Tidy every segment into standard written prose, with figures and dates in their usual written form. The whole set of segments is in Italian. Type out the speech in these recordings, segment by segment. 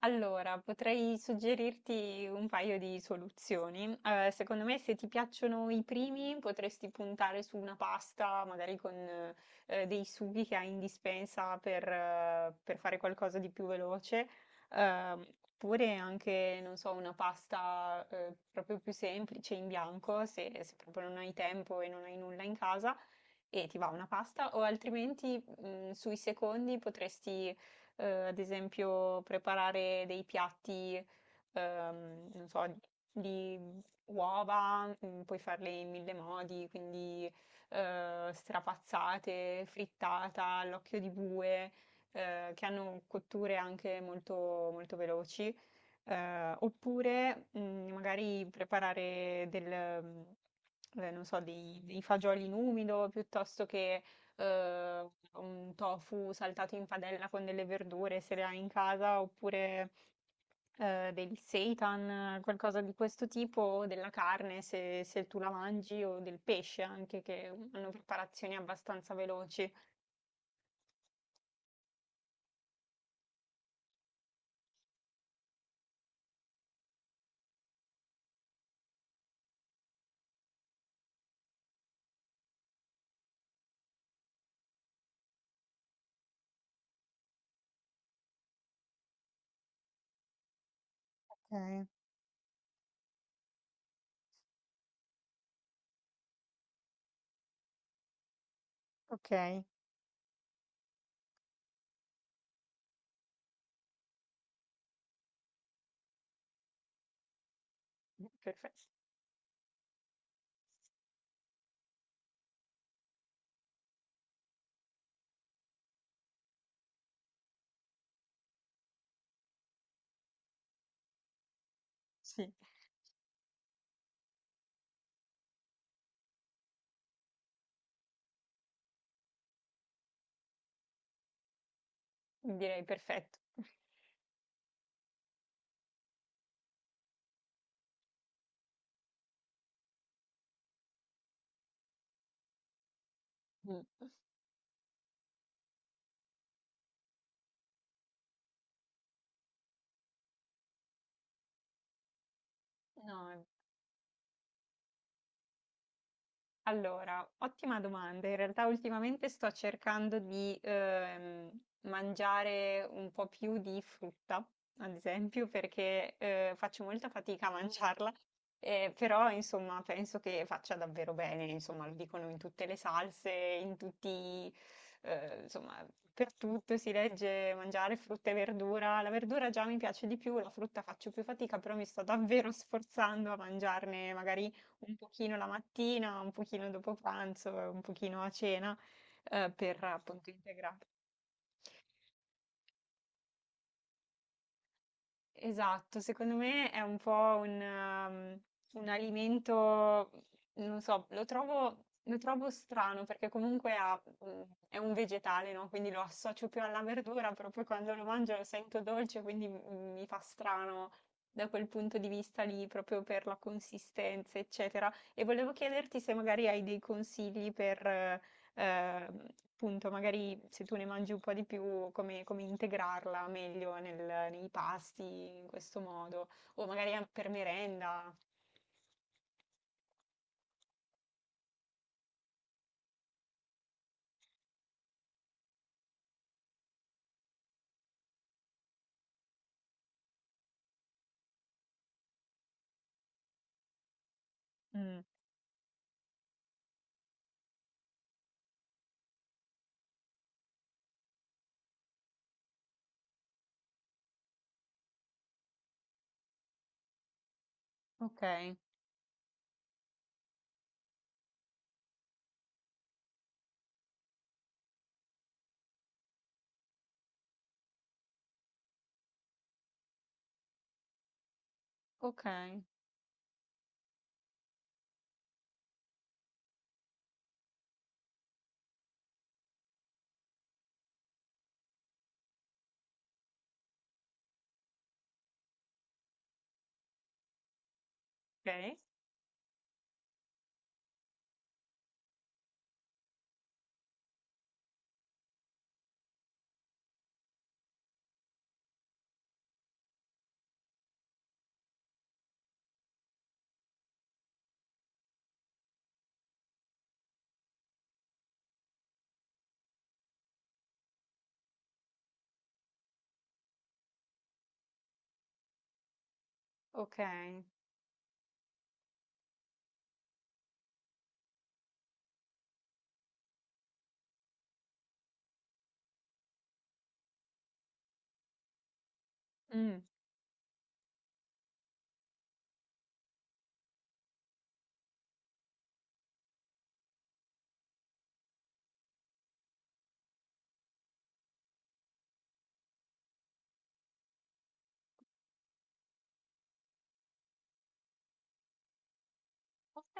Allora, potrei suggerirti un paio di soluzioni. Secondo me, se ti piacciono i primi, potresti puntare su una pasta, magari con dei sughi che hai in dispensa per fare qualcosa di più veloce, ehm, oppure anche, non so, una pasta proprio più semplice in bianco, se proprio non hai tempo e non hai nulla in casa e ti va una pasta, o altrimenti sui secondi potresti, ad esempio, preparare dei piatti, non so, di uova, puoi farle in mille modi, quindi strapazzate, frittata, all'occhio di bue, che hanno cotture anche molto molto veloci. Oppure magari preparare del, non so, dei fagioli in umido piuttosto che eh, un tofu saltato in padella con delle verdure se le hai in casa, oppure del seitan, qualcosa di questo tipo, o della carne se tu la mangi, o del pesce anche, che hanno preparazioni abbastanza veloci. Ok, ok. Perfetto, sì, direi perfetto. Mm. No. Allora, ottima domanda. In realtà ultimamente sto cercando di mangiare un po' più di frutta, ad esempio, perché faccio molta fatica a mangiarla, però insomma penso che faccia davvero bene, insomma lo dicono in tutte le salse, in tutti, insomma per tutto si legge mangiare frutta e verdura. La verdura già mi piace di più, la frutta faccio più fatica, però mi sto davvero sforzando a mangiarne magari un pochino la mattina, un pochino dopo pranzo, e un pochino a cena, per appunto integrare. Esatto, secondo me è un po' un alimento, non so, lo trovo strano perché comunque ha, è un vegetale, no? Quindi lo associo più alla verdura, proprio quando lo mangio lo sento dolce, quindi mi fa strano da quel punto di vista lì, proprio per la consistenza, eccetera. E volevo chiederti se magari hai dei consigli per, ehm, appunto magari se tu ne mangi un po' di più, come integrarla meglio nei pasti in questo modo, o magari per merenda. Mm, ok, ok, ok? Ok. Mm, ok,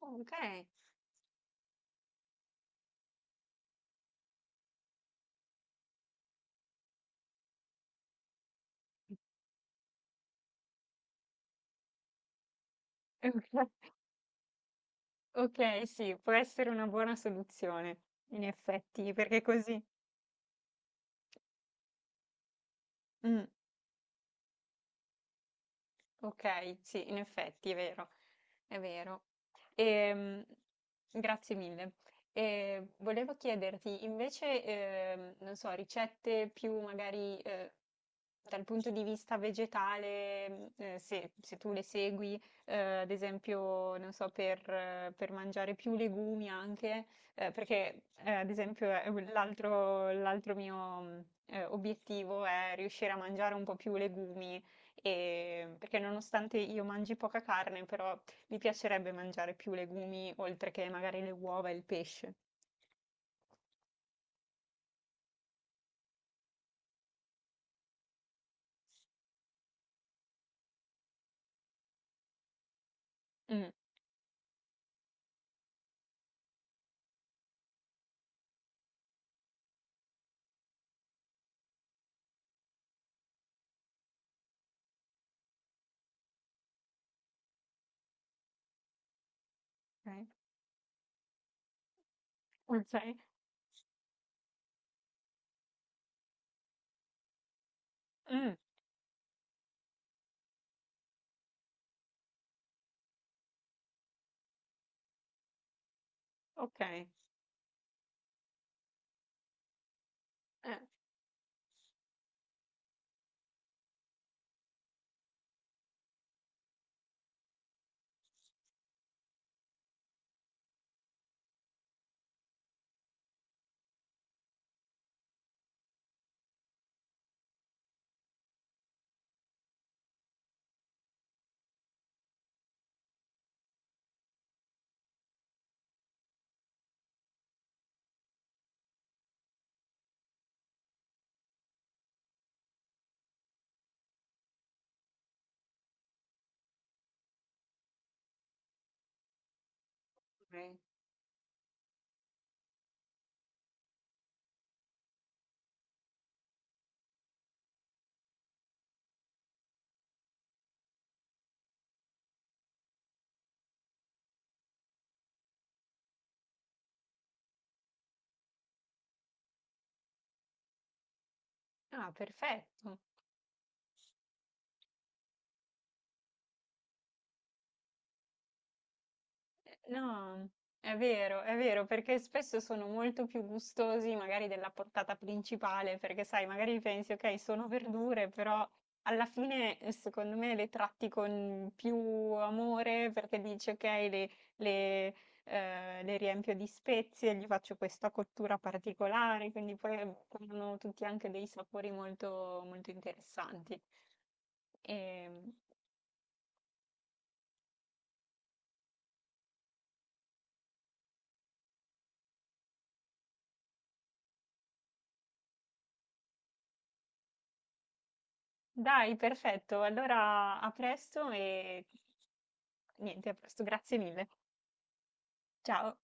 ok. Ok, ok, sì, può essere una buona soluzione, in effetti, perché così. Mm. Ok, sì, in effetti è vero, è vero. Ehm, Grazie mille. E volevo chiederti invece, non so, ricette più magari dal punto di vista vegetale, se tu le segui, ad esempio, non so, per mangiare più legumi anche, perché ad esempio è l'altro mio mm, obiettivo è riuscire a mangiare un po' più legumi perché nonostante io mangi poca carne, però mi piacerebbe mangiare più legumi, oltre che magari le uova e il pesce. Mm, ok. Ok. Mm, ok. Ok. Ah, perfetto. No, è vero, perché spesso sono molto più gustosi magari della portata principale, perché sai, magari pensi, ok, sono verdure, però alla fine secondo me le tratti con più amore perché dici, ok, le, le riempio di spezie, gli faccio questa cottura particolare, quindi poi hanno tutti anche dei sapori molto, molto interessanti. Ehm, Dai, perfetto. Allora a presto e niente, a presto, grazie mille. Ciao.